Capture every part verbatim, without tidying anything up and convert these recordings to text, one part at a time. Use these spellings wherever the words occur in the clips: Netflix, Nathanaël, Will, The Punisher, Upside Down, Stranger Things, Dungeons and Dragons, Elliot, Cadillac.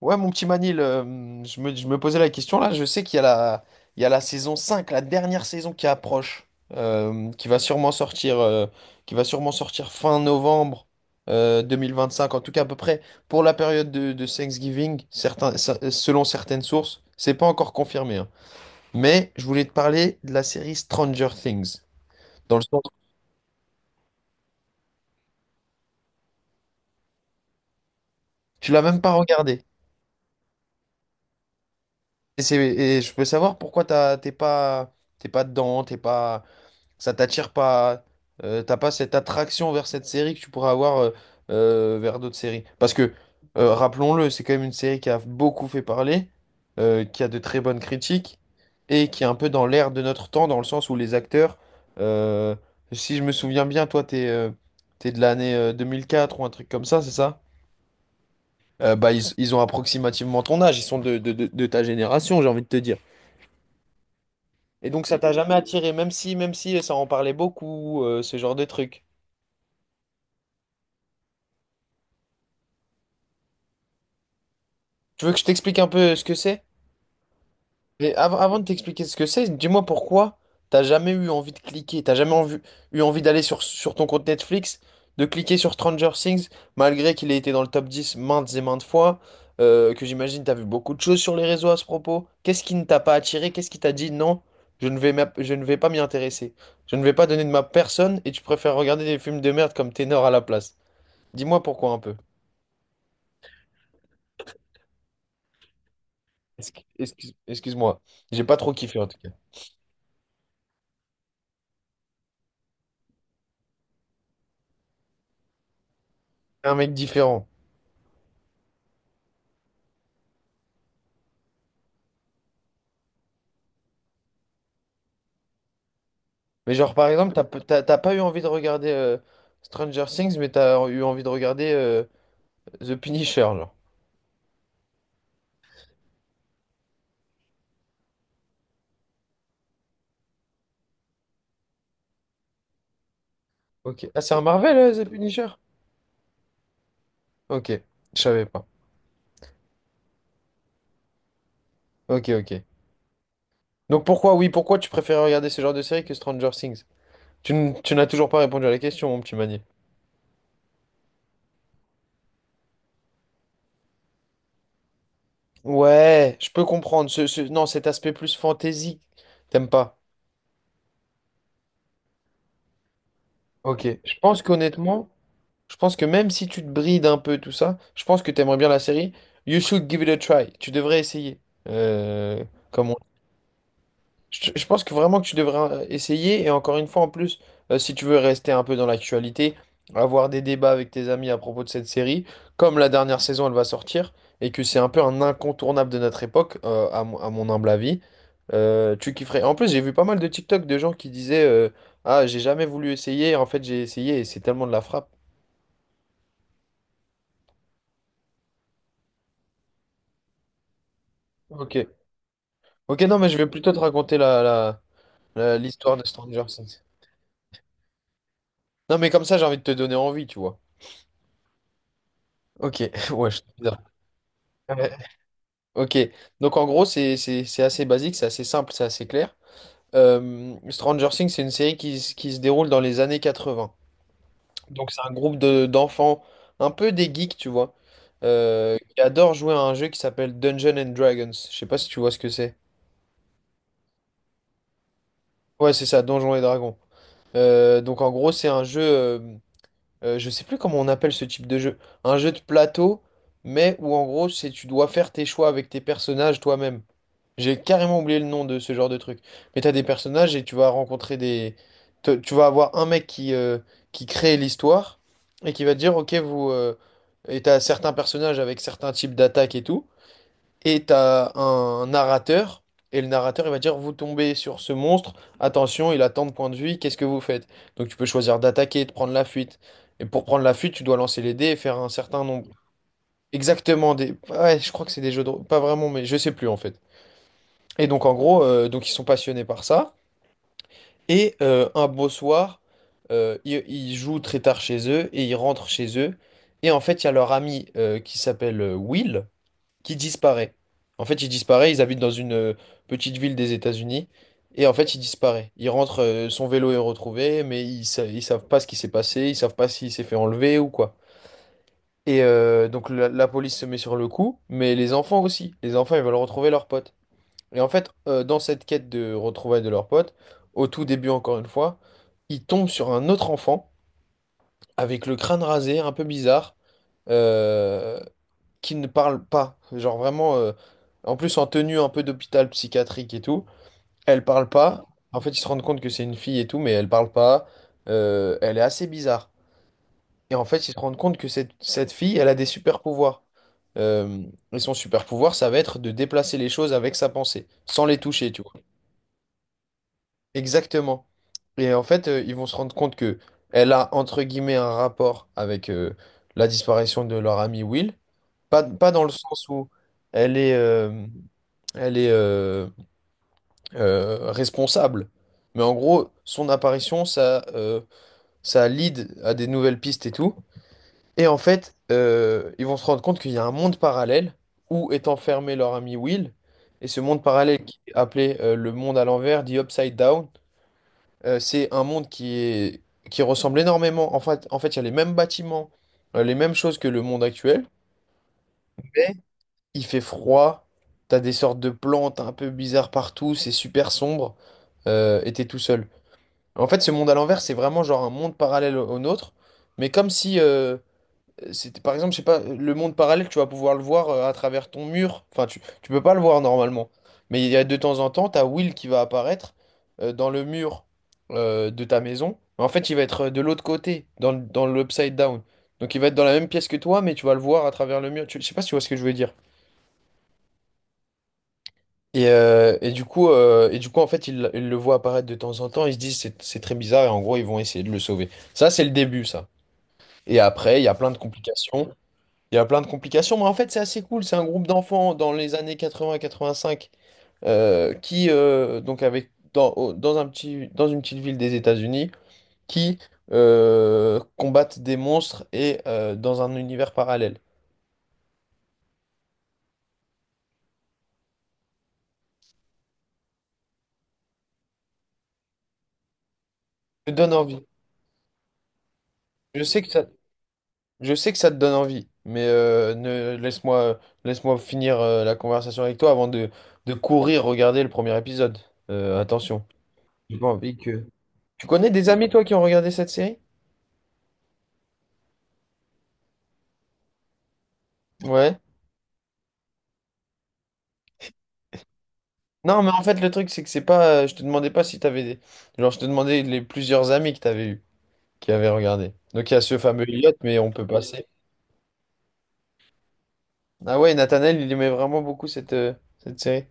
Ouais, mon petit Manil, euh, je me, je me posais la question là. Je sais qu'il y a la, il y a la saison cinq, la dernière saison qui approche, euh, qui va sûrement sortir, euh, qui va sûrement sortir fin novembre euh, deux mille vingt-cinq, en tout cas à peu près pour la période de, de Thanksgiving, certains, ce- selon certaines sources. C'est pas encore confirmé, hein. Mais je voulais te parler de la série Stranger Things, dans le sens tu l'as même pas regardée. Et, c'est- et je peux savoir pourquoi t'as- t'es pas, t'es pas dedans, t'es pas. Ça t'attire pas, euh, t'as pas cette attraction vers cette série que tu pourrais avoir euh, euh, vers d'autres séries. Parce que, euh, rappelons-le, c'est quand même une série qui a beaucoup fait parler, euh, qui a de très bonnes critiques, et qui est un peu dans l'air de notre temps, dans le sens où les acteurs, euh, si je me souviens bien, toi, t'es euh, t'es de l'année euh, deux mille quatre ou un truc comme ça, c'est ça? Euh, bah, ils, ils ont approximativement ton âge, ils sont de, de, de, de ta génération, j'ai envie de te dire. Et donc ça t'a jamais attiré, même si, même si ça en parlait beaucoup, euh, ce genre de truc. Tu veux que je t'explique un peu ce que c'est? Mais av- avant de t'expliquer ce que c'est, dis-moi pourquoi t'as jamais eu envie de cliquer, t'as jamais envie- eu envie d'aller sur, sur ton compte Netflix, de cliquer sur Stranger Things, malgré qu'il ait été dans le top dix maintes et maintes fois, euh, que j'imagine t'as vu beaucoup de choses sur les réseaux à ce propos. Qu'est-ce qui ne t'a pas attiré? Qu'est-ce qui t'a dit non, je ne vais, m'app- je ne vais pas m'y intéresser. Je ne vais pas donner de ma personne et tu préfères regarder des films de merde comme Ténor à la place. Dis-moi pourquoi un peu. Escu- excuse- Excuse-moi, j'ai pas trop kiffé en tout cas. T'es un mec différent. Mais genre, par exemple, t'as, pe- t'as- t'as pas eu envie de regarder euh, Stranger Things, mais t'as eu envie de regarder euh, The Punisher, genre. Ok. Ah, c'est un Marvel, euh, The Punisher? Ok, je savais pas. Ok, ok. Donc pourquoi, oui, pourquoi tu préfères regarder ce genre de série que Stranger Things? Tu, n- tu n'as toujours pas répondu à la question, mon petit Mani. Ouais, je peux comprendre. Ce, ce- non, cet aspect plus fantasy, t'aimes pas. Ok. Je pense qu'honnêtement, je pense que même si tu te brides un peu tout ça, je pense que t'aimerais bien la série. You should give it a try. Tu devrais essayer. Euh, comme on- je, je pense que vraiment que tu devrais euh, essayer. Et encore une fois, en plus, euh, si tu veux rester un peu dans l'actualité, avoir des débats avec tes amis à propos de cette série, comme la dernière saison, elle va sortir, et que c'est un peu un incontournable de notre époque, euh, à, mon à mon humble avis, euh, tu kifferais. En plus, j'ai vu pas mal de TikTok de gens qui disaient euh, Ah, j'ai jamais voulu essayer. En fait, j'ai essayé et c'est tellement de la frappe. Ok. Ok, non, mais je vais plutôt te raconter la, la- la- l'histoire de Stranger Things. Non, mais comme ça, j'ai envie de te donner envie, tu vois. Ok, ouais, je... bizarre. Ouais. Ok, donc en gros, c'est c'est- c'est assez basique, c'est assez simple, c'est assez clair. Euh, Stranger Things, c'est une série qui, se qui se déroule dans les années quatre-vingts. Donc c'est un groupe de, d'enfants, un peu des geeks, tu vois, euh, qui adorent jouer à un jeu qui s'appelle Dungeons and Dragons. Je sais pas si tu vois ce que c'est. Ouais, c'est ça, Donjons et Dragons. Euh, donc en gros, c'est un jeu. euh, euh, je sais plus comment on appelle ce type de jeu, un jeu de plateau, mais où en gros c'est tu dois faire tes choix avec tes personnages toi-même. J'ai carrément oublié le nom de ce genre de truc. Mais t'as des personnages et tu vas rencontrer des, te- tu vas avoir un mec qui euh, qui crée l'histoire et qui va te dire ok vous euh, et t'as certains personnages avec certains types d'attaques et tout et t'as un narrateur, et le narrateur il va dire vous tombez sur ce monstre, attention, il a tant de points de vue, qu'est-ce que vous faites? Donc tu peux choisir d'attaquer, de prendre la fuite. Et pour prendre la fuite, tu dois lancer les dés et faire un certain nombre. Exactement des. Ouais, je crois que c'est des jeux de rôle. Pas vraiment, mais je sais plus en fait. Et donc en gros, euh, donc ils sont passionnés par ça. Et euh, un beau soir, euh, ils, ils jouent très tard chez eux et ils rentrent chez eux. Et en fait, il y a leur ami euh, qui s'appelle euh, Will qui disparaît. En fait, il disparaît, ils habitent dans une euh, petite ville des États-Unis, et en fait, il disparaît. Il rentre, euh, son vélo est retrouvé, mais ils, sa- ils savent pas ce qui s'est passé, ils savent pas s'il s'est fait enlever ou quoi. Et euh, donc la, la police se met sur le coup, mais les enfants aussi. Les enfants, ils veulent retrouver leur pote. Et en fait, euh, dans cette quête de retrouvailles de leur pote, au tout début encore une fois, ils tombent sur un autre enfant avec le crâne rasé, un peu bizarre, euh, qui ne parle pas. Genre vraiment, euh, en plus en tenue un peu d'hôpital psychiatrique et tout, elle parle pas. En fait, ils se rendent compte que c'est une fille et tout, mais elle parle pas. Euh, elle est assez bizarre. Et en fait, ils se rendent compte que cette, cette fille, elle a des super pouvoirs. Euh, et son super pouvoir, ça va être de déplacer les choses avec sa pensée, sans les toucher, tu vois. Exactement. Et en fait, euh, ils vont se rendre compte que elle a entre guillemets un rapport avec euh, la disparition de leur ami Will. Pas, pas dans le sens où elle est, euh, elle est euh, euh, responsable, mais en gros, son apparition, ça, euh, ça lead à des nouvelles pistes et tout. Et en fait, euh, ils vont se rendre compte qu'il y a un monde parallèle où est enfermé leur ami Will. Et ce monde parallèle qui est appelé euh, le monde à l'envers, dit Upside Down. Euh, c'est un monde qui est, qui ressemble énormément. En fait, en fait, il y a les mêmes bâtiments, euh, les mêmes choses que le monde actuel. Mais il fait froid, t'as des sortes de plantes un peu bizarres partout, c'est super sombre, euh, et t'es tout seul. En fait, ce monde à l'envers, c'est vraiment genre un monde parallèle au au nôtre. Mais comme si, euh, euh, C'était, par exemple, je sais pas, le monde parallèle, tu vas pouvoir le voir euh, à travers ton mur. Enfin, tu, tu peux pas le voir normalement. Mais il y a de temps en temps, t'as Will qui va apparaître euh, dans le mur euh, de ta maison. Mais en fait, il va être euh, de l'autre côté, dans, le- dans l'upside down. Donc, il va être dans la même pièce que toi, mais tu vas le voir à travers le mur. Tu- je sais pas si tu vois ce que je veux dire. Et, euh, et du coup, euh, et du coup, en fait, ils ils le voient apparaître de temps en temps. Ils se disent, c'est c'est très bizarre. Et en gros, ils vont essayer de le sauver. Ça, c'est le début, ça. Et après, il y a plein de complications. Il y a plein de complications, mais en fait, c'est assez cool. C'est un groupe d'enfants dans les années quatre-vingts à quatre-vingt-cinq euh, qui, euh, donc, avec, dans, au- dans un petit, dans une petite ville des États-Unis, qui euh, combattent des monstres et euh, dans un univers parallèle. Ça te donne envie. Je sais que ça, je sais que ça te donne envie, mais euh, ne, laisse-moi, laisse-moi finir euh, la conversation avec toi avant de, de courir regarder le premier épisode. Euh, attention. J'ai pas envie que... Tu connais des amis, toi, qui ont regardé cette série? Ouais. Non, mais en fait, le truc, c'est que c'est pas. euh, Je te demandais pas si t'avais des. Genre, je te demandais les plusieurs amis que t'avais eu, qui avaient regardé. Donc, il y a ce fameux Elliot, mais on peut passer. Ah ouais, Nathanaël, il aimait vraiment beaucoup cette, euh, cette série.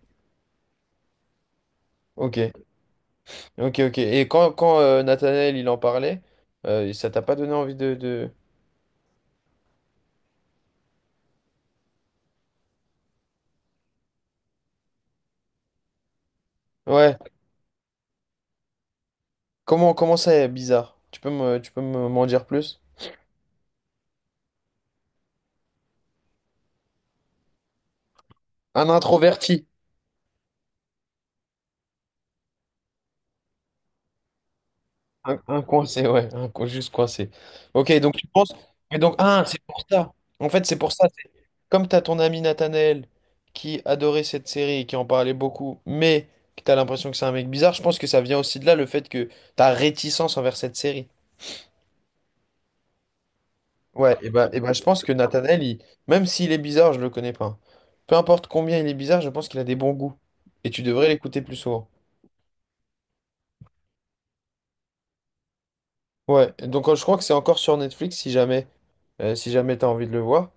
Ok, ok, ok. Et quand, quand euh, Nathanaël, il en parlait, euh, ça t'a pas donné envie de, de... Ouais. Comment, comment ça est bizarre? Tu peux me, tu peux me- m'en dire plus? Un introverti. Un, un coincé, ouais, un co- juste coincé. Ok, donc tu penses. Et donc, ah, c'est pour ça. En fait, c'est pour ça. c'est- Comme tu as ton ami Nathanaël qui adorait cette série et qui en parlait beaucoup, mais que tu as l'impression que c'est un mec bizarre, je pense que ça vient aussi de là le fait que ta réticence envers cette série. Ouais, et bah, et bah, je pense que Nathanaël, il- même s'il est bizarre, je le connais pas. Peu importe combien il est bizarre, je pense qu'il a des bons goûts. Et tu devrais l'écouter plus souvent. Ouais, et donc euh, je crois que c'est encore sur Netflix si jamais, euh, si jamais t'as envie de le voir.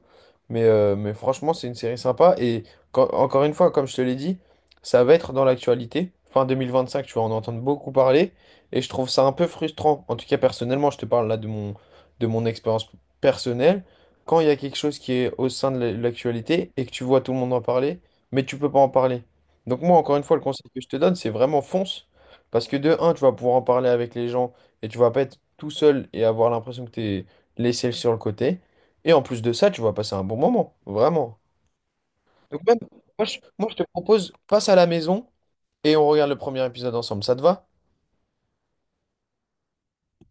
Mais, euh, mais franchement, c'est une série sympa. Et quand- encore une fois, comme je te l'ai dit, ça va être dans l'actualité. Fin deux mille vingt-cinq, tu vas en entendre beaucoup parler. Et je trouve ça un peu frustrant. En tout cas, personnellement, je te parle là de mon, de mon expérience personnelle. Quand il y a quelque chose qui est au sein de la- l'actualité et que tu vois tout le monde en parler, mais tu peux pas en parler. Donc moi, encore une fois, le conseil que je te donne, c'est vraiment fonce. Parce que de un, tu vas pouvoir en parler avec les gens et tu vas pas être tout seul et avoir l'impression que t'es laissé sur le côté. Et en plus de ça, tu vas passer un bon moment, vraiment. Donc même, moi je, moi, je te propose, passe à la maison et on regarde le premier épisode ensemble. Ça te va?